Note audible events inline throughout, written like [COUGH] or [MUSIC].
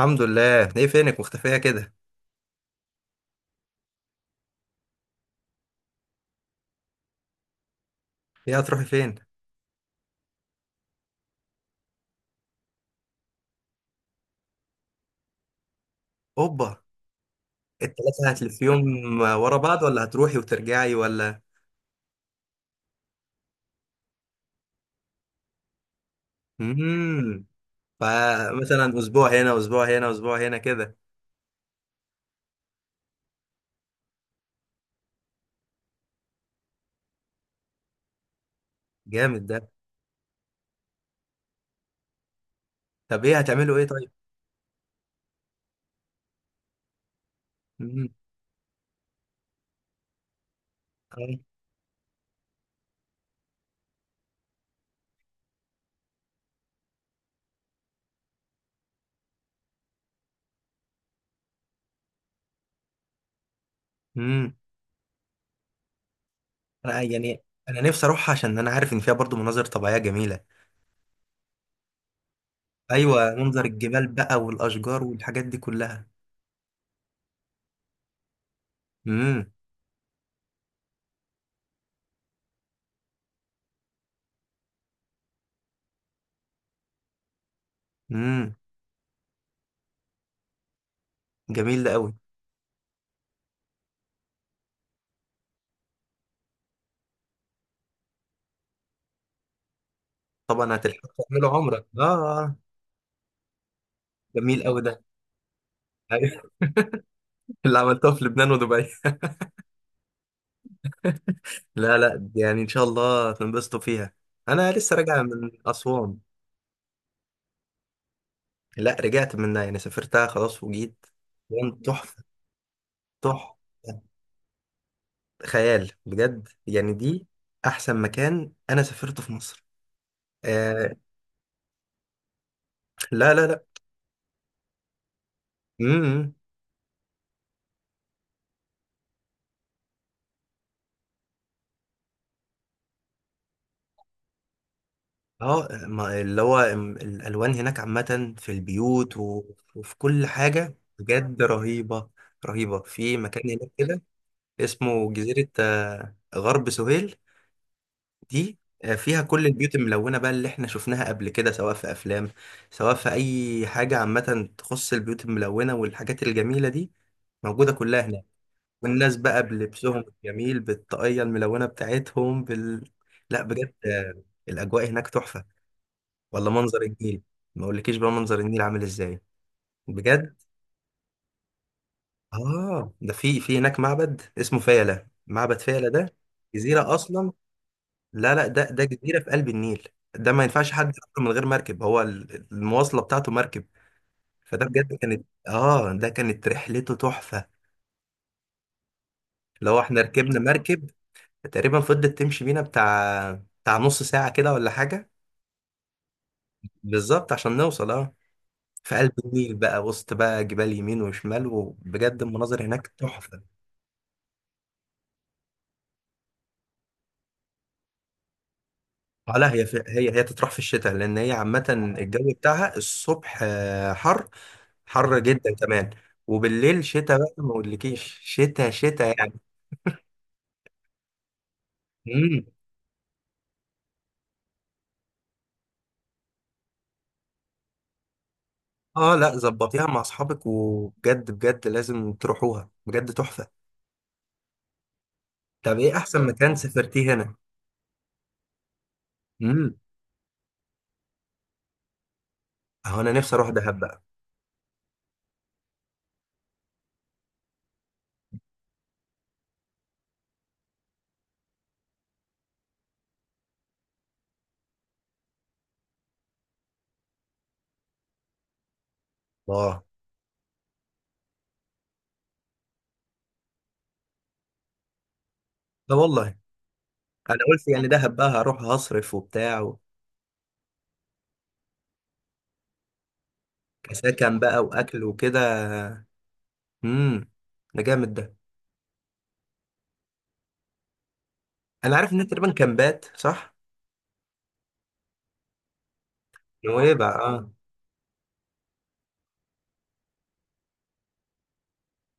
الحمد لله، ايه فينك مختفية كده؟ ايه هتروحي فين؟ اوبا! التلاتة هتلفيهم ورا بعض، ولا هتروحي وترجعي، ولا؟ امم. فمثلا، اسبوع هنا، اسبوع هنا، اسبوع هنا كده. جامد ده. طب، ايه هتعملوا، ايه؟ طيب. امم. امم. يعني انا نفسي اروح، عشان انا عارف ان فيها برضو مناظر طبيعية جميلة. ايوه، منظر الجبال بقى والاشجار والحاجات دي كلها. امم. امم. جميل ده قوي. طبعا هتلحقوا تعملوا عمرة، اه؟ آه. جميل قوي ده. اللي عملتها في لبنان ودبي. لا، لا، يعني ان شاء الله تنبسطوا فيها. انا لسه راجع من اسوان. لا، رجعت منها، يعني سافرتها خلاص وجيت. كان تحفه. تحفه. خيال بجد، يعني دي. احسن مكان انا سافرته في مصر. آه. لا، لا، لا. امم. إمم. اللي هو الالوان هناك عامه في البيوت، وفي كل حاجه بجد رهيبه. رهيبه، في مكان هناك كده اسمه جزيره غرب سهيل دي. فيها كل البيوت الملونة بقى اللي احنا شفناها قبل كده، سواء في أفلام، سواء في أي حاجة عامة تخص البيوت الملونة والحاجات الجميلة دي، موجودة كلها هناك. والناس بقى بلبسهم الجميل بالطاقية الملونة بتاعتهم لا بجد، الأجواء هناك تحفة. ولا منظر النيل! ما أقولكيش بقى منظر النيل عامل إزاي، بجد. آه، ده في في هناك معبد اسمه فيلة، معبد فيلة ده جزيرة أصلا. لا، لا، ده جزيرة في قلب النيل. ده ما ينفعش حد يروح من غير مركب، هو المواصلة بتاعته مركب. فده بجد كانت اه ده كانت رحلته تحفة، لو احنا ركبنا مركب. تقريبا فضلت تمشي بينا بتاع نص ساعة كده، ولا حاجة. بالظبط عشان نوصل، اه، في قلب النيل بقى، وسط بقى جبال يمين وشمال، وبجد المناظر هناك تحفة. لا، هي تطرح في الشتاء، لان هي عامه الجو بتاعها الصبح حر، حر جدا كمان. وبالليل شتاء بقى، ما اقولكيش شتاء شتاء يعني. امم. اه، لا، ظبطيها مع اصحابك، وبجد بجد لازم تروحوها، بجد تحفه. طب، ايه احسن مكان سافرتيه هنا؟ امم. اهو انا نفسي اروح دهب بقى. الله. لا والله. انا قلت يعني دهب بقى هروح هصرف وبتاع، كسكن بقى واكل وكده. امم. ده جامد ده. انا عارف ان تقريبا كامبات، صح؟ نويبع، اه.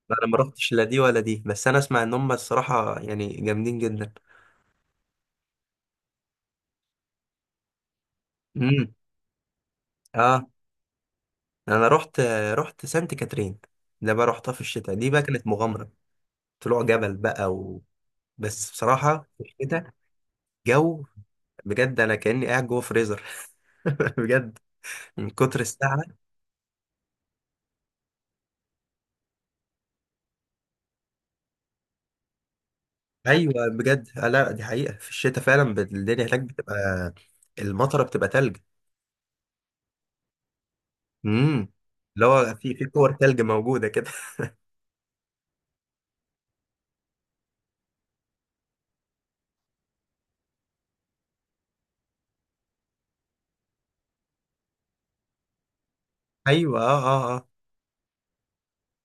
لا، انا ما رحتش لا دي ولا دي، بس انا اسمع ان هم الصراحه يعني جامدين جدا. امم. اه. انا رحت سانت كاترين. ده بقى رحتها في الشتاء، دي بقى كانت مغامره. طلوع جبل بقى بس بصراحه في الشتاء، جو، بجد انا كاني قاعد جوه فريزر. [LAUGHS] بجد، من كتر الساعه. ايوه بجد. لا، دي حقيقه في الشتاء، فعلا الدنيا هناك بتبقى المطره، بتبقى تلج. امم. اللي هو في كور تلج موجوده كده. [LAUGHS] ايوه، اه، اه، اه.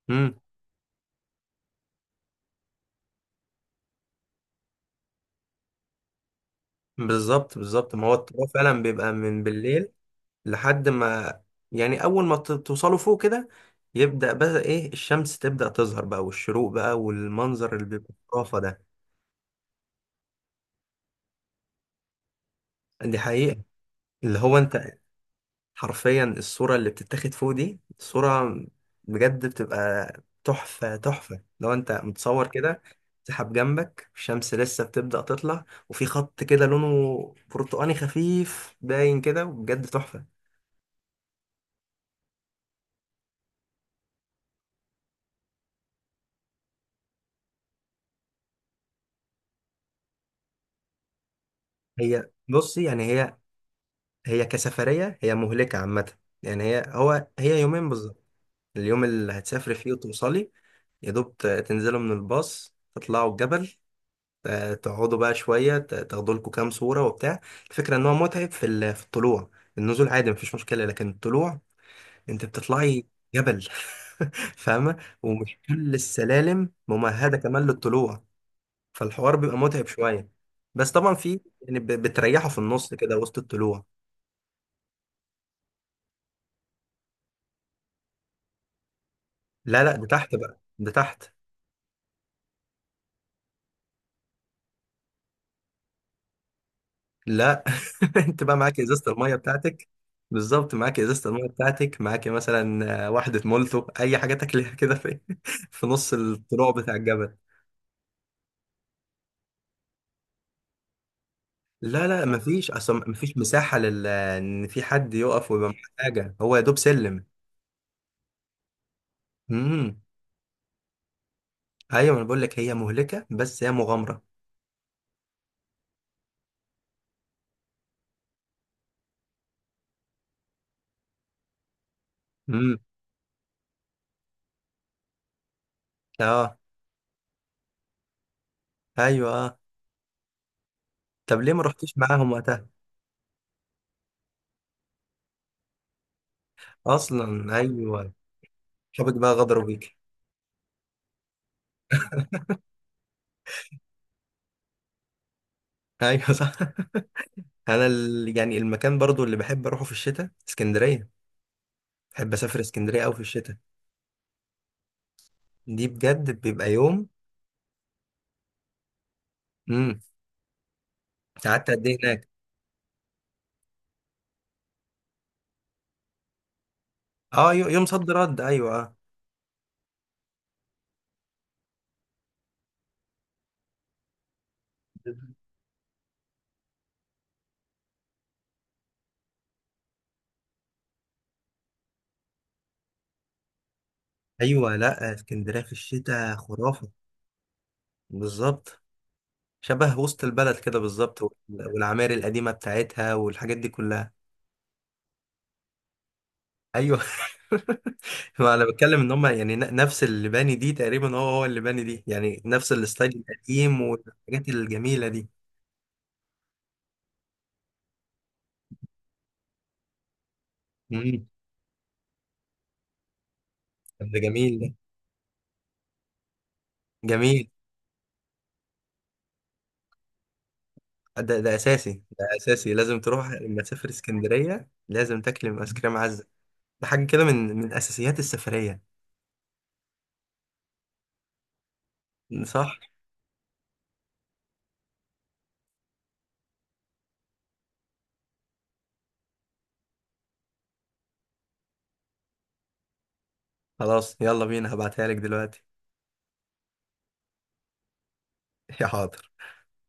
مم. بالظبط بالظبط، ما هو التراب فعلا بيبقى من بالليل لحد ما، يعني اول ما توصلوا فوق كده، يبدأ بقى، ايه، الشمس تبدأ تظهر بقى، والشروق بقى، والمنظر اللي بيبقى خرافة ده. دي حقيقة. اللي هو انت حرفيا الصورة اللي بتتاخد فوق دي صورة، بجد بتبقى تحفة، تحفة لو انت متصور كده. سحاب جنبك، الشمس لسه بتبدأ تطلع، وفي خط كده لونه برتقاني خفيف باين كده، وبجد تحفة. بصي، يعني هي هي كسفرية هي مهلكة عامة. يعني هي يومين بالظبط، اليوم اللي هتسافري فيه وتوصلي يا دوب، تنزلوا من الباص تطلعوا الجبل. تقعدوا بقى شوية، تاخدوا لكم كام صورة وبتاع. الفكرة ان هو متعب في في الطلوع، النزول عادي مفيش مشكلة، لكن الطلوع، انت بتطلعي جبل. [LAUGHS] فاهمة؟ ومش كل السلالم ممهدة كمان للطلوع، فالحوار بيبقى متعب شوية. بس طبعا في يعني، بتريحوا في النص كده، وسط الطلوع. لا، لا، ده تحت بقى، ده تحت. لا. [LAUGHS] انت بقى معاك ازازه الميه بتاعتك. بالظبط، معاك ازازه الميه بتاعتك، معاك مثلا واحده مولتو، اي حاجه تاكلها كده في [LAUGHS] في نص الطلوع بتاع الجبل. لا، لا، مفيش اصلا، مفيش مساحه لل ان في حد يقف ويبقى معاه حاجه، هو يا دوب سلم. امم. ايوه، انا بقول لك هي مهلكه بس هي مغامره. امم. اه. ايوه، اه. طب، ليه ما رحتيش معاهم وقتها؟ اصلا، ايوه. شبك، بقى غدروا بيك. [LAUGHS] ايوه، صح. انا يعني المكان برضو اللي بحب اروحه في الشتاء، اسكندريه. بحب اسافر اسكندريه قوي في الشتاء، دي بجد بيبقى يوم. امم. قعدت قد ايه هناك؟ اه، يوم صد رد، ايوه، آه. [LAUGHS] ايوه، لا اسكندريه في الشتاء خرافه. بالظبط، شبه وسط البلد كده بالظبط، والعماير القديمه بتاعتها والحاجات دي كلها. ايوه. [LAUGHS] ما انا بتكلم ان هم يعني، نفس اللي باني دي تقريبا، هو اللي باني دي، يعني نفس الستايل القديم والحاجات الجميله دي. امم. ده جميل، جميل. ده اساسي، ده اساسي، لازم تروح، لما تسافر اسكندريه لازم تاكل ايس كريم عزه. ده حاجه كده من اساسيات السفريه. صح. خلاص يلا بينا، هبعتها لك دلوقتي. [LAUGHS] يا حاضر.